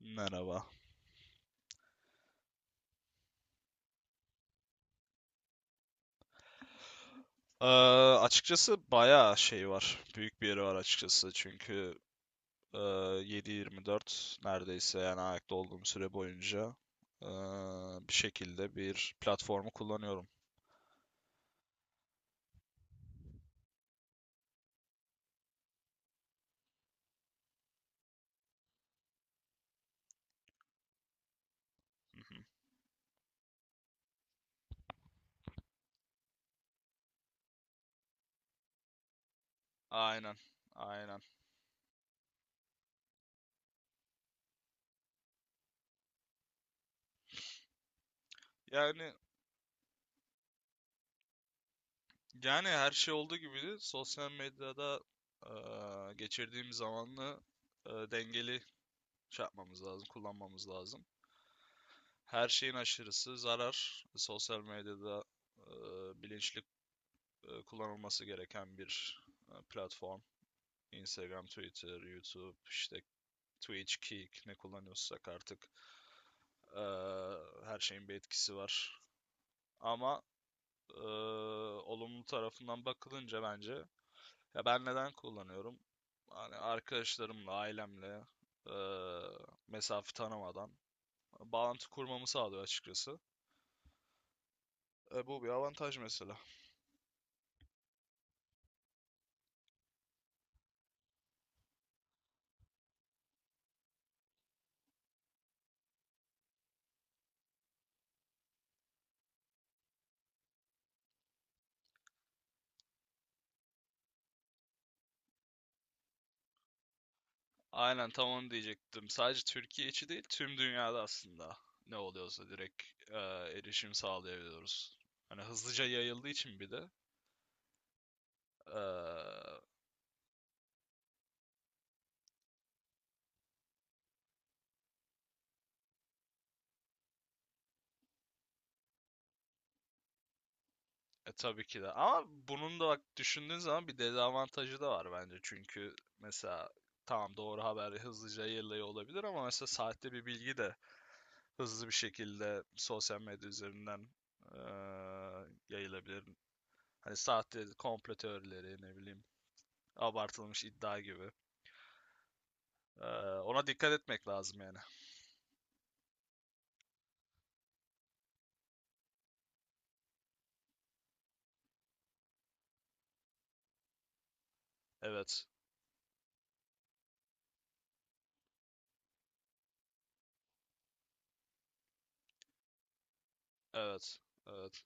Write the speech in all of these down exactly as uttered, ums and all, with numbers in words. Merhaba. Ee, Açıkçası bayağı şey var. Büyük bir yeri var açıkçası. Çünkü e, yedi yirmi dört neredeyse yani ayakta olduğum süre boyunca e, bir şekilde bir platformu kullanıyorum. Hı hı. Aynen. Aynen. Yani yani her şey olduğu gibi de sosyal medyada e, geçirdiğim zamanı e, dengeli şey yapmamız lazım, kullanmamız lazım. Her şeyin aşırısı zarar. Sosyal medyada e, bilinçli e, kullanılması gereken bir e, platform. Instagram, Twitter, YouTube, işte Twitch, Kick ne kullanıyorsak artık e, her şeyin bir etkisi var. Ama e, olumlu tarafından bakılınca bence ya ben neden kullanıyorum? Hani arkadaşlarımla, ailemle e, mesafe tanımadan e, bağlantı kurmamı sağlıyor açıkçası. E, bu bir avantaj mesela. Aynen, tam onu diyecektim. Sadece Türkiye içi değil, tüm dünyada aslında ne oluyorsa direkt e, erişim sağlayabiliyoruz. Hani hızlıca yayıldığı için bir de, e, e, tabii ki de. Ama bunun da bak düşündüğün zaman bir dezavantajı da var bence. Çünkü mesela tamam, doğru haber hızlıca yayılıyor olabilir ama mesela sahte bir bilgi de hızlı bir şekilde sosyal medya üzerinden e, yayılabilir. Hani sahte komplo teorileri, ne bileyim abartılmış iddia gibi. Ee, Ona dikkat etmek lazım yani. Evet. Evet. Evet.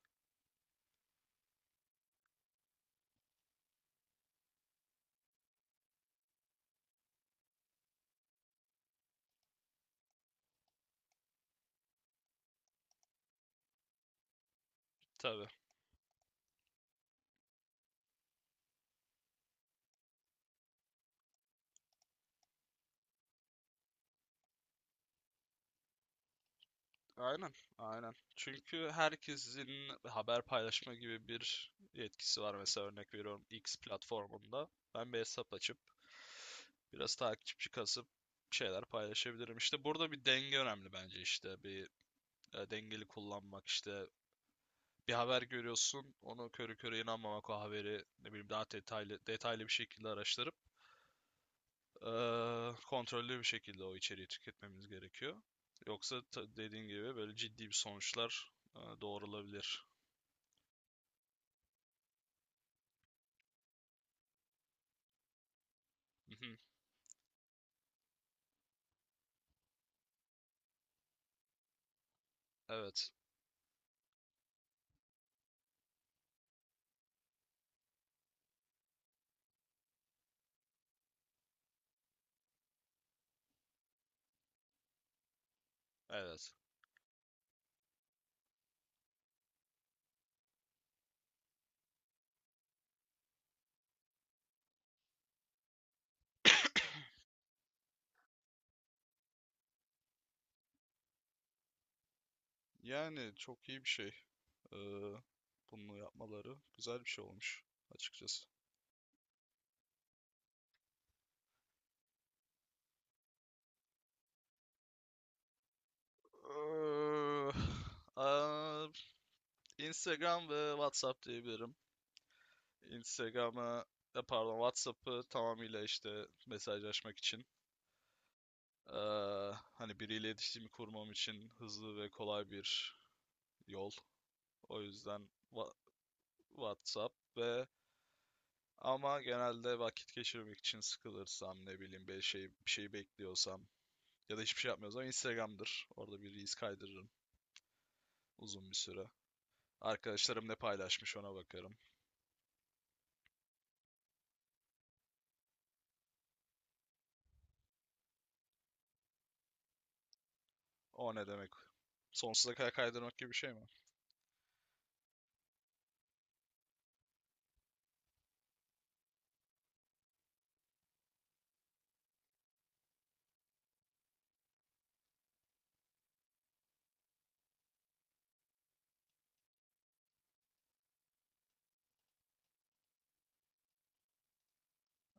Tabii. Aynen. Aynen. Çünkü herkesin haber paylaşma gibi bir yetkisi var. Mesela örnek veriyorum, X platformunda ben bir hesap açıp biraz takipçi kasıp şeyler paylaşabilirim. İşte burada bir denge önemli bence işte. Bir e, dengeli kullanmak işte. Bir haber görüyorsun, onu körü körü inanmamak, o haberi ne bileyim daha detaylı detaylı bir şekilde araştırıp Eee, kontrollü bir şekilde o içeriği tüketmemiz gerekiyor. Yoksa dediğin gibi böyle ciddi bir sonuçlar eee, doğrulabilir. Mhm. Evet, evet. Yani çok iyi bir şey. Eee Bunu yapmaları güzel bir şey olmuş açıkçası. Eee, eee, Instagram ve WhatsApp diyebilirim. Instagram'a, e, pardon, WhatsApp'ı tamamıyla işte mesajlaşmak için, eee, hani biriyle iletişimi kurmam için hızlı ve kolay bir yol. O yüzden wa- WhatsApp ve ama genelde vakit geçirmek için sıkılırsam, ne bileyim bir şey bir şey bekliyorsam ya da hiçbir şey yapmıyorsam Instagram'dır. Orada bir reels kaydırırım uzun bir süre. Arkadaşlarım ne paylaşmış ona bakarım. O ne demek? Sonsuza kadar kaydırmak gibi bir şey mi?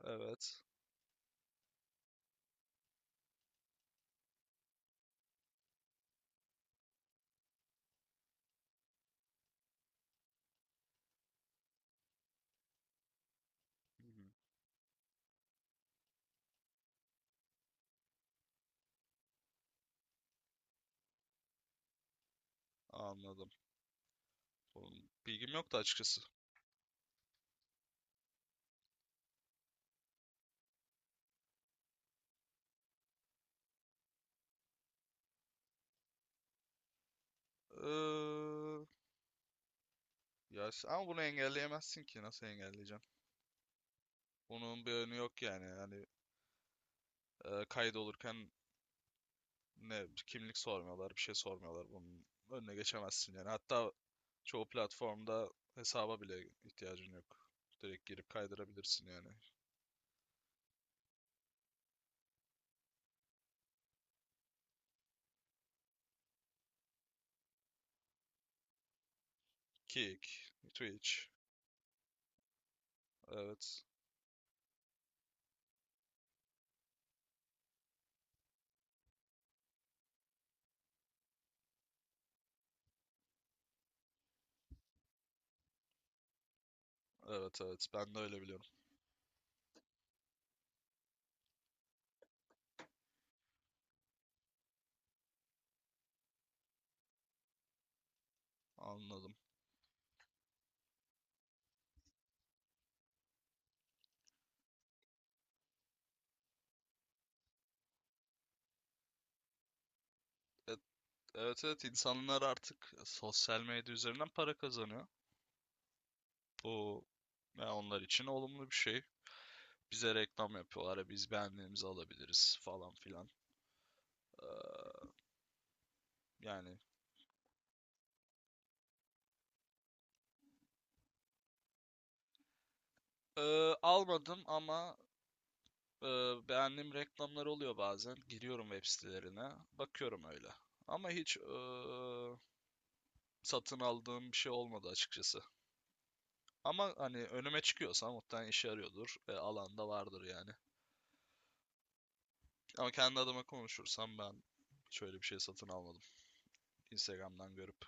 Evet. Hı hı. Anladım. Bunun bilgim yoktu açıkçası. Ee, Ya s- ama bunu engelleyemezsin ki. Nasıl engelleyeceksin? Bunun bir önü yok yani. Hani e, kaydolurken ne kimlik sormuyorlar, bir şey sormuyorlar. Bunun önüne geçemezsin yani. Hatta çoğu platformda hesaba bile ihtiyacın yok. Direkt girip kaydırabilirsin yani. Kick, Twitch. Evet. Evet, evet, ben de öyle biliyorum. Anladım. Evet, evet, evet, insanlar artık sosyal medya üzerinden para kazanıyor. Bu, ya onlar için olumlu bir şey. Bize reklam yapıyorlar. Ya Biz beğendiğimizi alabiliriz falan filan. Ee, Yani ee, almadım ama Ee, beğendiğim reklamlar oluyor bazen. Giriyorum web sitelerine. Bakıyorum öyle. Ama hiç ee, satın aldığım bir şey olmadı açıkçası. Ama hani önüme çıkıyorsa muhtemelen işe yarıyordur. E, alanda vardır yani. Ama kendi adıma konuşursam ben şöyle bir şey satın almadım, Instagram'dan görüp.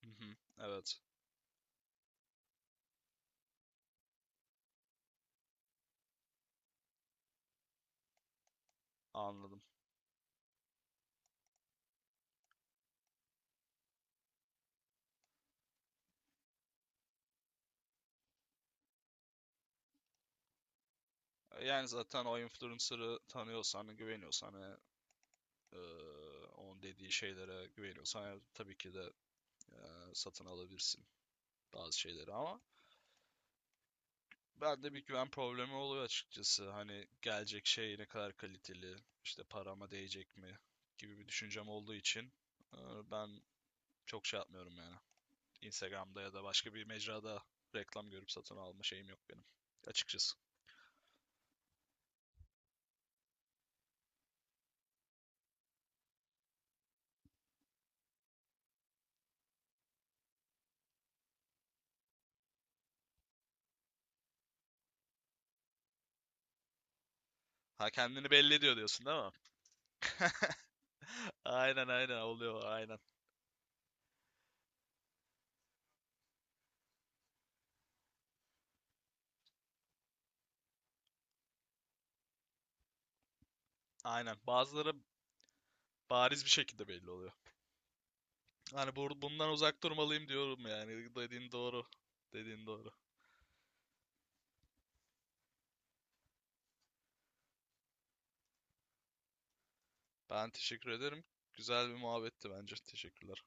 Hı hı, evet, anladım. E, Yani zaten o influencer'ı tanıyorsan, güveniyorsan ve e, onun dediği şeylere güveniyorsan e, tabii ki de e, satın alabilirsin bazı şeyleri ama bende bir güven problemi oluyor açıkçası. Hani gelecek şey ne kadar kaliteli, işte parama değecek mi gibi bir düşüncem olduğu için e, ben çok şey yapmıyorum yani. Instagram'da ya da başka bir mecrada reklam görüp satın alma şeyim yok benim açıkçası. Ha, kendini belli ediyor diyorsun, değil mi? Aynen, aynen oluyor, aynen. Aynen. Bazıları bariz bir şekilde belli oluyor. Hani bu, bundan uzak durmalıyım diyorum yani. Dediğin doğru. Dediğin doğru. Ben teşekkür ederim. Güzel bir muhabbetti bence. Teşekkürler.